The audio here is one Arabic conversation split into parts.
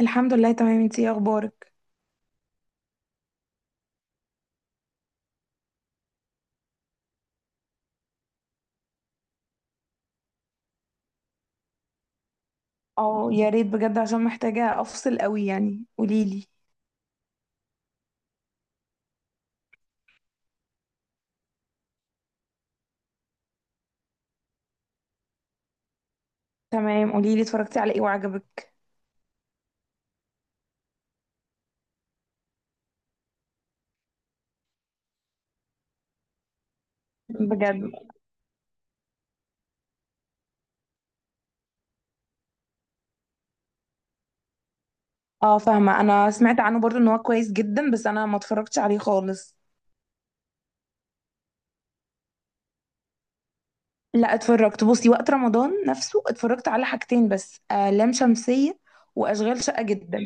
الحمد لله، تمام. انتي ايه اخبارك؟ اه يا ريت بجد، عشان محتاجة افصل قوي، يعني قوليلي. تمام، قوليلي اتفرجتي على ايه وعجبك؟ بجد؟ اه فاهمة، انا سمعت عنه برضو ان هو كويس جدا، بس انا ما اتفرجتش عليه خالص. لا اتفرجت، بصي وقت رمضان نفسه اتفرجت على حاجتين بس. لام شمسية واشغال شقة جدا.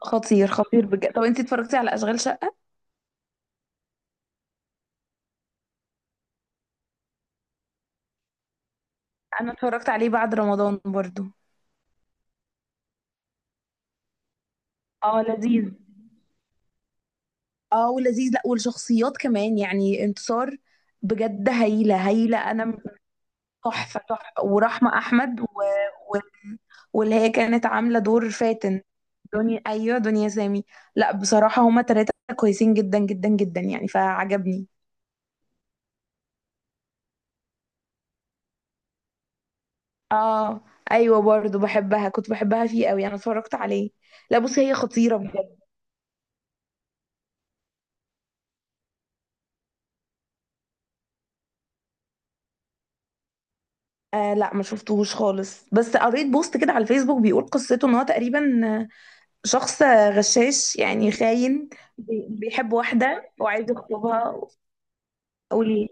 خطير خطير بجد. طب انتي اتفرجتي على اشغال شقة؟ انا اتفرجت عليه بعد رمضان برضو. اه لذيذ. اه ولذيذ. لا، والشخصيات كمان، يعني انتصار بجد هايلة هايلة. انا تحفة تحفة، ورحمة احمد و... واللي هي كانت عاملة دور فاتن؟ دنيا، ايوه، دنيا سامي. لا بصراحة هما تلاتة كويسين جدا جدا جدا، يعني فعجبني. اه. ايوه برضو بحبها، كنت بحبها فيه قوي. انا اتفرجت عليه. لا بصي، هي خطيرة بجد. لا ما شفتهوش خالص، بس قريت بوست كده على الفيسبوك بيقول قصته ان هو تقريبا شخص غشاش، يعني خاين. بيحب واحدة وعايز يخطبها. قولي.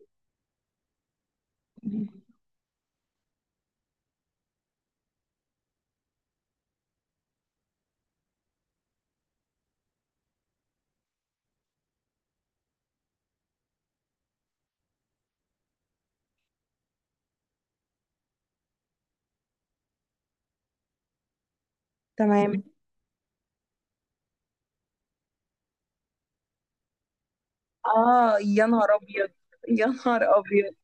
تمام. اه يا نهار ابيض. يا نهار ابيض.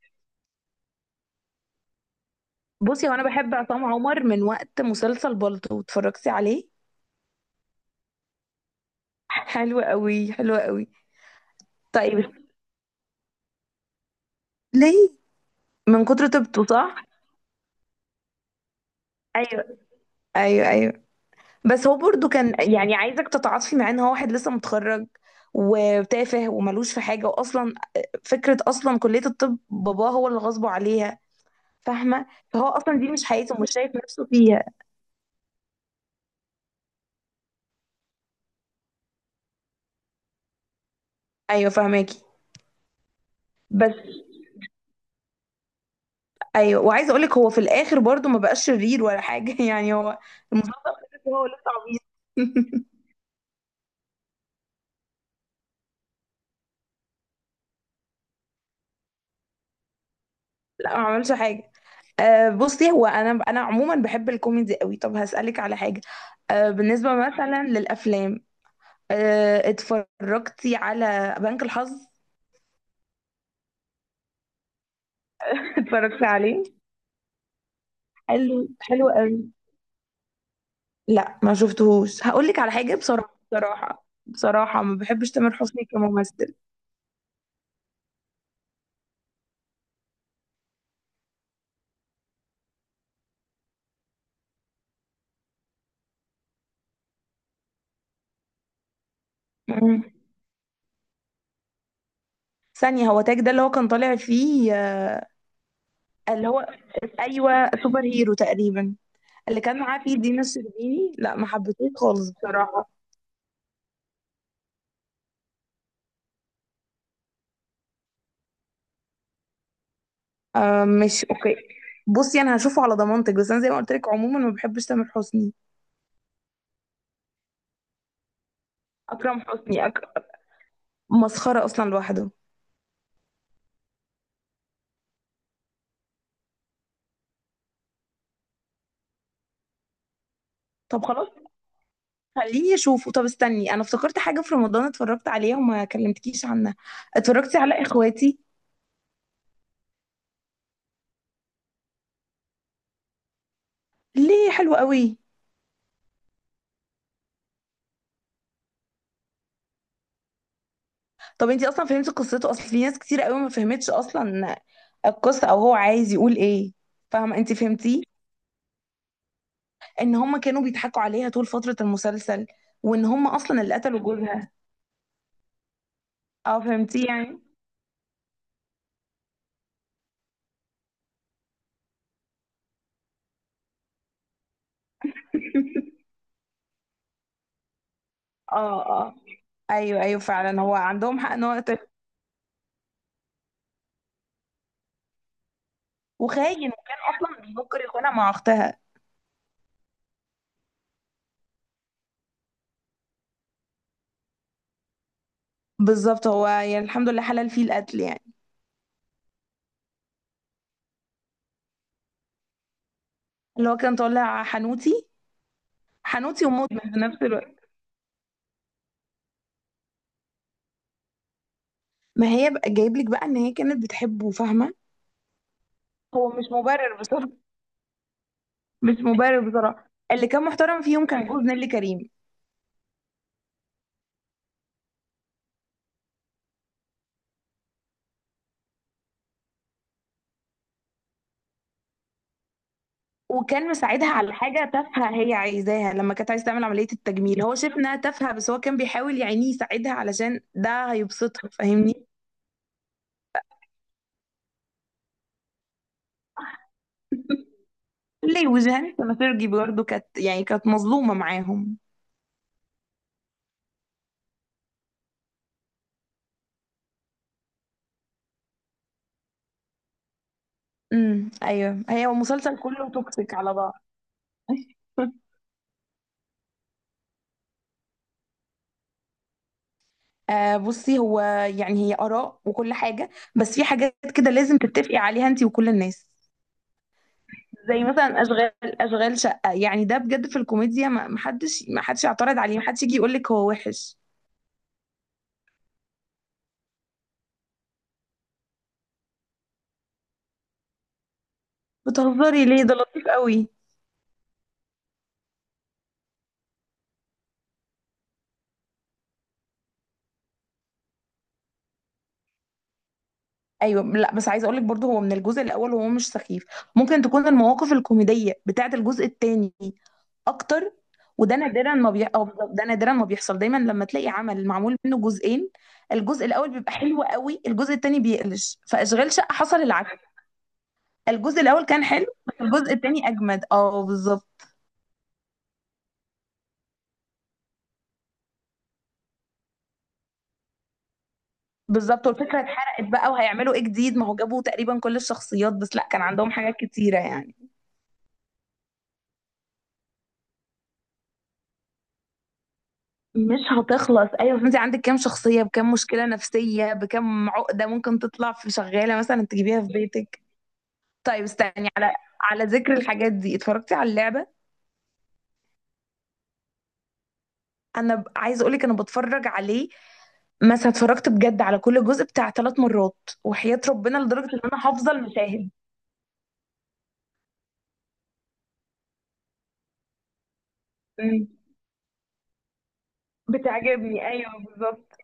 بصي، وانا بحب عصام عمر من وقت مسلسل بالطو، اتفرجتي عليه؟ حلو قوي، حلو قوي. طيب. ليه؟ من كتر طيبته، صح؟ ايوه. ايوه ايوه. بس هو برضو كان يعني عايزك تتعاطفي معاه ان هو واحد لسه متخرج، وتافه وملوش في حاجه، واصلا فكره اصلا كليه الطب باباه هو اللي غصبه عليها، فاهمه؟ فهو اصلا دي مش حياته ومش شايف نفسه فيها. ايوه فاهماكي، بس... ايوه، وعايزه اقولك هو في الاخر برضو ما بقاش شرير ولا حاجه يعني هو المسلسل خلص وهو لسه عبيط لا ما عملش حاجه. بصي، هو انا عموما بحب الكوميدي قوي. طب هسألك على حاجه، بالنسبه مثلا للافلام، اتفرجتي على بنك الحظ؟ اتفرجت عليه. حلو، حلو قوي. لا ما شفتهوش، هقول لك على حاجه، بصراحه بصراحه بصراحه ما بحبش تامر حسني كممثل. مم. ثانيه، هو تاج ده اللي هو كان طالع فيه آه، اللي هو ايوه، سوبر هيرو تقريبا. اللي كان معاه فيه دينا الشربيني، لا ما حبيتهوش خالص بصراحه. آه، مش اوكي. بصي انا هشوفه على ضمانتك، بس انا زي ما قلت لك عموما ما بحبش تامر حسني. اكرم حسني مسخره اصلا لوحده. طب خلاص، خليني اشوفه. طب استني، انا افتكرت حاجه في رمضان اتفرجت عليها وما كلمتكيش عنها. اتفرجتي على اخواتي؟ ليه؟ حلو قوي. طب انتي اصلا فهمتي قصته؟ اصل في ناس كتير قوي ما فهمتش اصلا القصه، او هو عايز يقول ايه. فاهمه؟ انتي فهمتيه؟ ان هم كانوا بيضحكوا عليها طول فتره المسلسل، وان هم اصلا اللي قتلوا جوزها. اه فهمتيه يعني. اه اه. ايوه ايوه، فعلا هو عندهم حق ان هو يقتل-، وخاين، وكان اصلا بيفكر يخونها مع اختها. بالظبط، هو يعني الحمد لله حلال فيه القتل يعني. اللي هو كان طالع حنوتي. حنوتي ومدمن في نفس الوقت. ما هي بقى جايب لك بقى ان هي كانت بتحبه، فاهمه. هو مش مبرر بصراحه. مش مبرر بصراحه، اللي كان محترم فيهم كان جوز نيللي كريم. وكان مساعدها على حاجه تافهه هي عايزاها، لما كانت عايزه تعمل عمليه التجميل هو شايف انها تافهه، بس هو كان بيحاول يعني يساعدها علشان ده هيبسطها، فاهمني؟ ليه وجهان سنافيرجي برضه كانت، يعني كانت مظلومه معاهم. ايوه، هي المسلسل كله توكسيك على بعض. آه بصي، هو يعني هي آراء وكل حاجة، بس في حاجات كده لازم تتفقي عليها انتي وكل الناس. زي مثلا اشغال اشغال شقة، يعني ده بجد في الكوميديا ما حدش يعترض عليه، ما حدش يجي يقول لك هو وحش. بتهزري ليه؟ ده لطيف قوي. ايوه، لا بس عايزه اقول لك برضه هو من الجزء الاول وهو مش سخيف. ممكن تكون المواقف الكوميديه بتاعه الجزء الثاني اكتر. وده نادرا ما أو بالظبط، ده نادرا ما بيحصل. دايما لما تلاقي عمل معمول منه جزئين، الجزء الاول بيبقى حلو قوي، الجزء الثاني بيقلش. فاشغال شقه حصل العكس. الجزء الاول كان حلو، بس الجزء الثاني اجمد، اه بالظبط. بالظبط، والفكره اتحرقت بقى، وهيعملوا ايه جديد؟ ما هو جابوا تقريبا كل الشخصيات، بس لا كان عندهم حاجات كتيره يعني. مش هتخلص، ايوه. فانت عندك كام شخصيه بكام مشكله نفسيه بكام عقده، ممكن تطلع في شغاله مثلا تجيبيها في بيتك. طيب استني على ذكر الحاجات دي، اتفرجتي على اللعبه؟ انا عايزه اقولك انا بتفرج عليه. مثلا اتفرجت بجد على كل جزء بتاع 3 مرات وحياه ربنا، لدرجه ان انا حافظه المشاهد. مم. بتعجبني، ايوه بالظبط.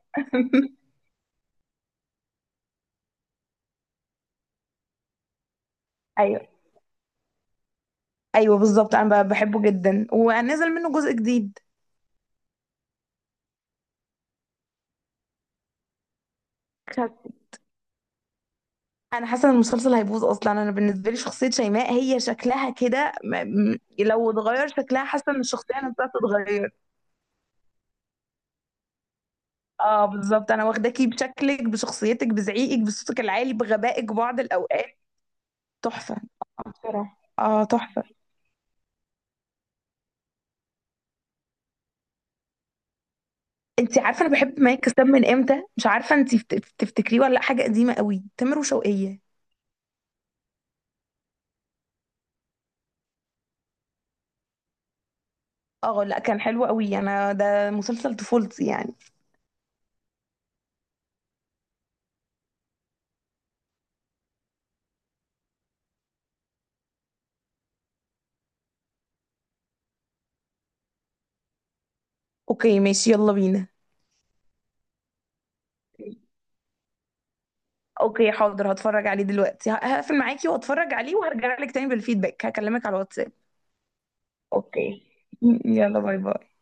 ايوه ايوه بالظبط، انا بحبه جدا، ونزل منه جزء جديد. انا حاسه ان المسلسل هيبوظ. اصلا انا بالنسبه لي شخصيه شيماء، هي شكلها كده لو اتغير شكلها حاسه ان الشخصيه نفسها تتغير. اه بالظبط، انا واخداكي بشكلك، بشخصيتك، بزعيقك، بصوتك العالي، بغبائك بعض الاوقات. تحفه. آه، بصراحه تحفه. انت عارفه انا بحب مايك كساب من امتى؟ مش عارفه انت تفتكريه ولا لأ، حاجه قديمه قوي، تامر وشوقية. اه لا كان حلو قوي، انا ده مسلسل طفولتي يعني. اوكي ماشي، يلا بينا. اوكي حاضر، هتفرج عليه دلوقتي، هقفل معاكي واتفرج عليه، وهرجع لك تاني بالفيدباك، هكلمك على الواتساب. اوكي يلا باي باي.